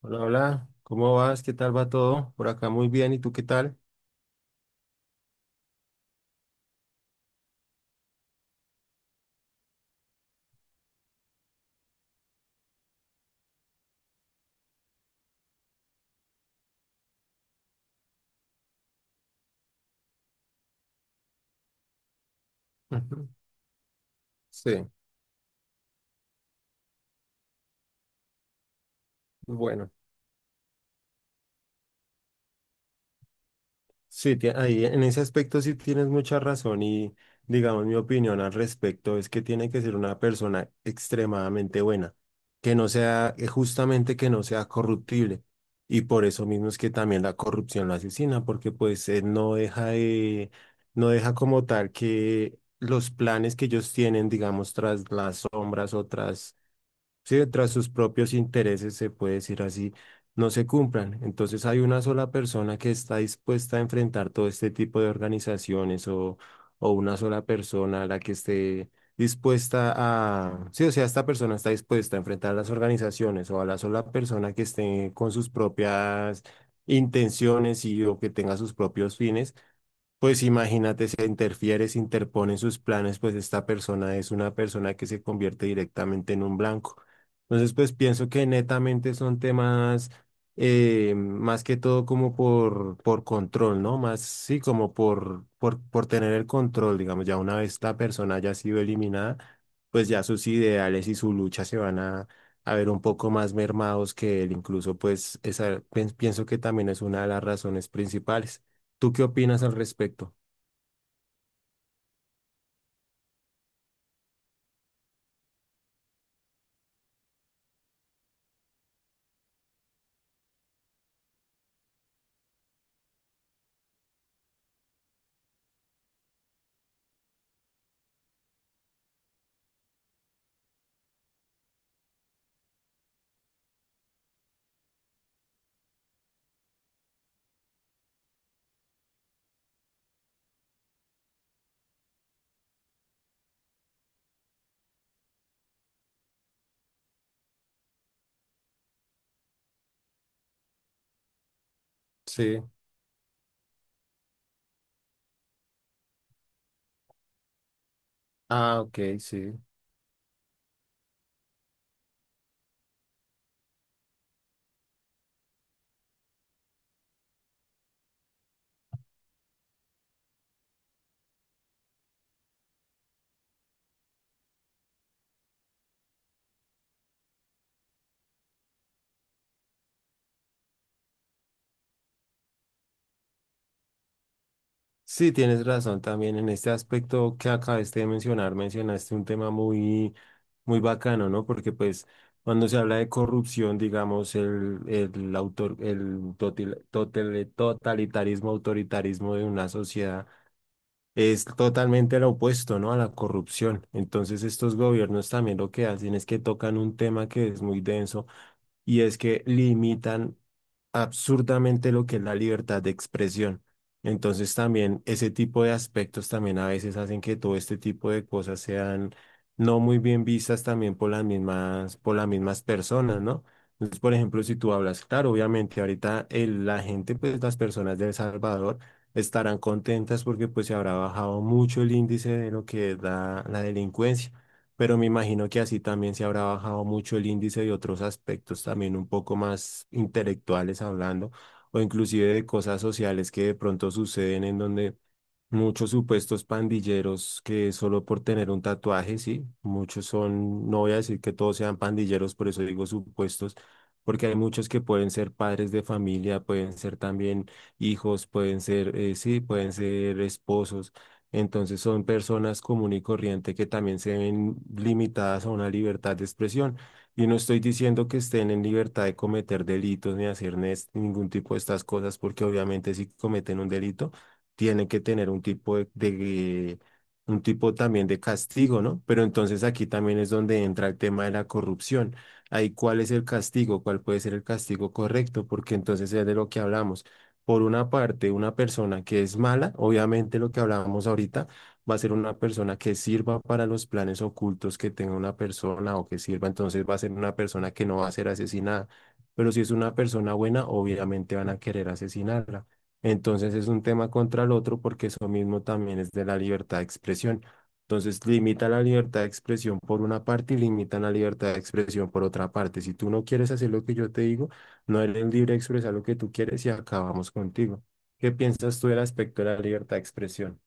Hola, hola, ¿cómo vas? ¿Qué tal va todo? Por acá muy bien, ¿y tú qué tal? Ujú. Sí, bueno, sí, ahí en ese aspecto sí tienes mucha razón y digamos mi opinión al respecto es que tiene que ser una persona extremadamente buena, que no sea, justamente que no sea corruptible y por eso mismo es que también la corrupción la asesina porque pues no deja de, no deja como tal que los planes que ellos tienen, digamos, tras las sombras o tras. Sí, tras sus propios intereses, se puede decir así, no se cumplan. Entonces hay una sola persona que está dispuesta a enfrentar todo este tipo de organizaciones o una sola persona a la que esté dispuesta a... Sí, o sea, esta persona está dispuesta a enfrentar las organizaciones o a la sola persona que esté con sus propias intenciones y o que tenga sus propios fines, pues imagínate, se interfiere, se interpone en sus planes, pues esta persona es una persona que se convierte directamente en un blanco. Entonces, pues pienso que netamente son temas, más que todo como por control, ¿no? Más, sí, como por tener el control, digamos, ya una vez la persona haya sido eliminada, pues ya sus ideales y su lucha se van a ver un poco más mermados que él, incluso, pues pienso que también es una de las razones principales. ¿Tú qué opinas al respecto? Sí. Ah, ok, sí. Sí, tienes razón también en este aspecto que acabaste de mencionar, mencionaste un tema muy, muy bacano, ¿no? Porque pues cuando se habla de corrupción, digamos, el autor, el totalitarismo, autoritarismo de una sociedad es totalmente lo opuesto, ¿no? A la corrupción. Entonces estos gobiernos también lo que hacen es que tocan un tema que es muy denso y es que limitan absurdamente lo que es la libertad de expresión. Entonces también ese tipo de aspectos también a veces hacen que todo este tipo de cosas sean no muy bien vistas también por por las mismas personas, ¿no? Entonces, por ejemplo, si tú hablas, claro, obviamente ahorita la gente, pues las personas de El Salvador estarán contentas porque pues se habrá bajado mucho el índice de lo que es la delincuencia, pero me imagino que así también se habrá bajado mucho el índice de otros aspectos también un poco más intelectuales hablando, o inclusive de cosas sociales que de pronto suceden, en donde muchos supuestos pandilleros que solo por tener un tatuaje, sí, muchos son, no voy a decir que todos sean pandilleros, por eso digo supuestos. Porque hay muchos que pueden ser padres de familia, pueden ser también hijos, pueden ser, sí, pueden ser esposos. Entonces son personas común y corriente que también se ven limitadas a una libertad de expresión. Y no estoy diciendo que estén en libertad de cometer delitos ni hacer ningún tipo de estas cosas, porque obviamente si cometen un delito, tienen que tener un tipo de un tipo también de castigo, ¿no? Pero entonces aquí también es donde entra el tema de la corrupción. Ahí, ¿cuál es el castigo? ¿Cuál puede ser el castigo correcto? Porque entonces es de lo que hablamos. Por una parte, una persona que es mala, obviamente lo que hablábamos ahorita, va a ser una persona que sirva para los planes ocultos que tenga una persona o que sirva, entonces va a ser una persona que no va a ser asesinada. Pero si es una persona buena, obviamente van a querer asesinarla. Entonces es un tema contra el otro porque eso mismo también es de la libertad de expresión. Entonces limita la libertad de expresión por una parte y limitan la libertad de expresión por otra parte. Si tú no quieres hacer lo que yo te digo, no eres libre de expresar lo que tú quieres y acabamos contigo. ¿Qué piensas tú del aspecto de la libertad de expresión?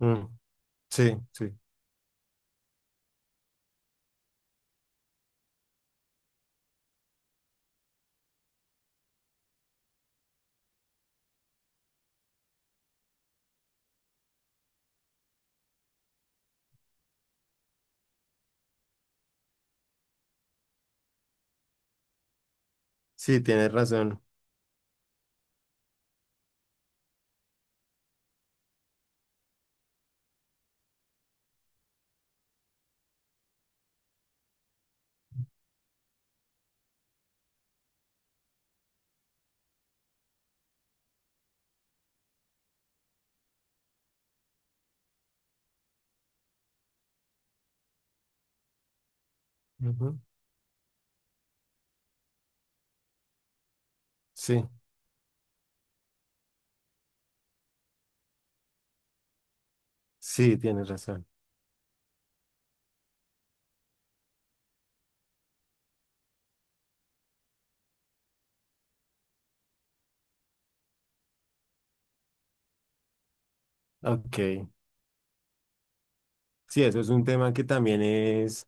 Mm, sí, sí, sí, tienes razón. Ujú. Sí, sí, tienes razón. Ok. Sí, eso es un tema que también es.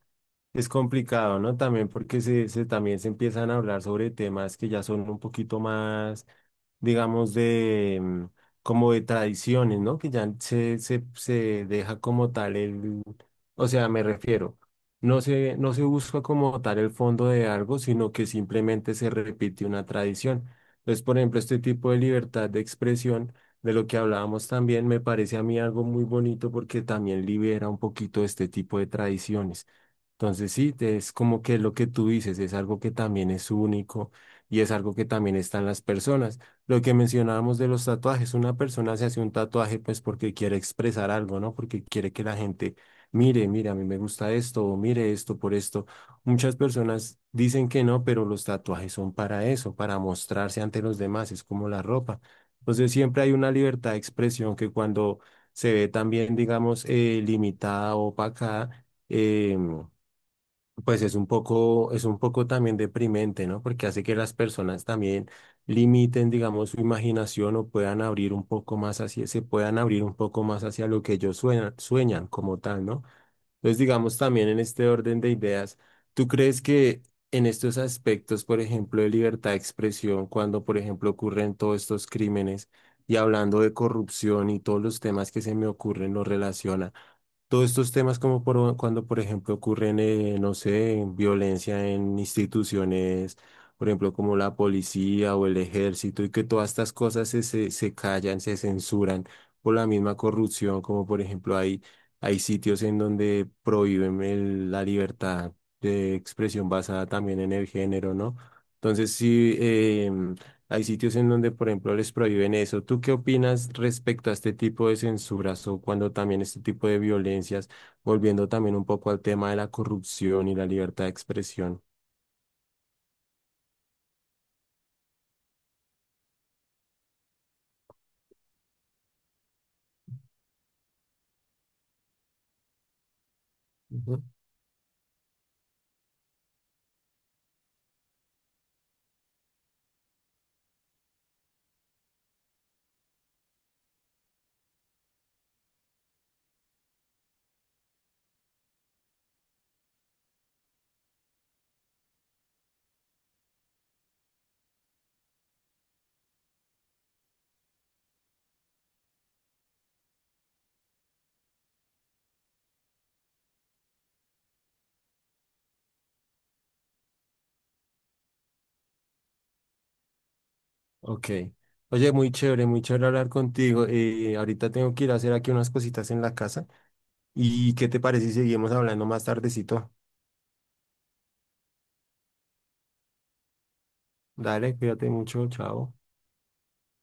Es complicado, ¿no? También porque también se empiezan a hablar sobre temas que ya son un poquito más, digamos, de como de tradiciones, ¿no? Que ya se deja como tal el, o sea, me refiero, no se busca como tal el fondo de algo, sino que simplemente se repite una tradición. Entonces, por ejemplo, este tipo de libertad de expresión, de lo que hablábamos también, me parece a mí algo muy bonito porque también libera un poquito este tipo de tradiciones. Entonces sí, es como que lo que tú dices es algo que también es único y es algo que también está en las personas. Lo que mencionábamos de los tatuajes, una persona se hace un tatuaje pues porque quiere expresar algo, ¿no? Porque quiere que la gente mire, mire, a mí me gusta esto o mire esto por esto. Muchas personas dicen que no, pero los tatuajes son para eso, para mostrarse ante los demás, es como la ropa. Entonces siempre hay una libertad de expresión que cuando se ve también, digamos, limitada o opacada, pues es un poco también deprimente, ¿no? Porque hace que las personas también limiten, digamos, su imaginación o puedan abrir un poco más hacia, se puedan abrir un poco más hacia lo que ellos sueñan, sueñan como tal, ¿no? Entonces, digamos, también en este orden de ideas, ¿tú crees que en estos aspectos, por ejemplo, de libertad de expresión, cuando, por ejemplo, ocurren todos estos crímenes y hablando de corrupción y todos los temas que se me ocurren, lo relaciona? Todos estos temas como por, cuando, por ejemplo, ocurren, no sé, en violencia en instituciones, por ejemplo, como la policía o el ejército, y que todas estas cosas se callan, se censuran por la misma corrupción, como por ejemplo hay, hay sitios en donde prohíben la libertad de expresión basada también en el género, ¿no? Entonces, sí, hay sitios en donde, por ejemplo, les prohíben eso. ¿Tú qué opinas respecto a este tipo de censuras o cuando también este tipo de violencias, volviendo también un poco al tema de la corrupción y la libertad de expresión? Ujú. Ok. Oye, muy chévere hablar contigo. Ahorita tengo que ir a hacer aquí unas cositas en la casa. ¿Y qué te parece si seguimos hablando más tardecito? Dale, cuídate mucho, chao.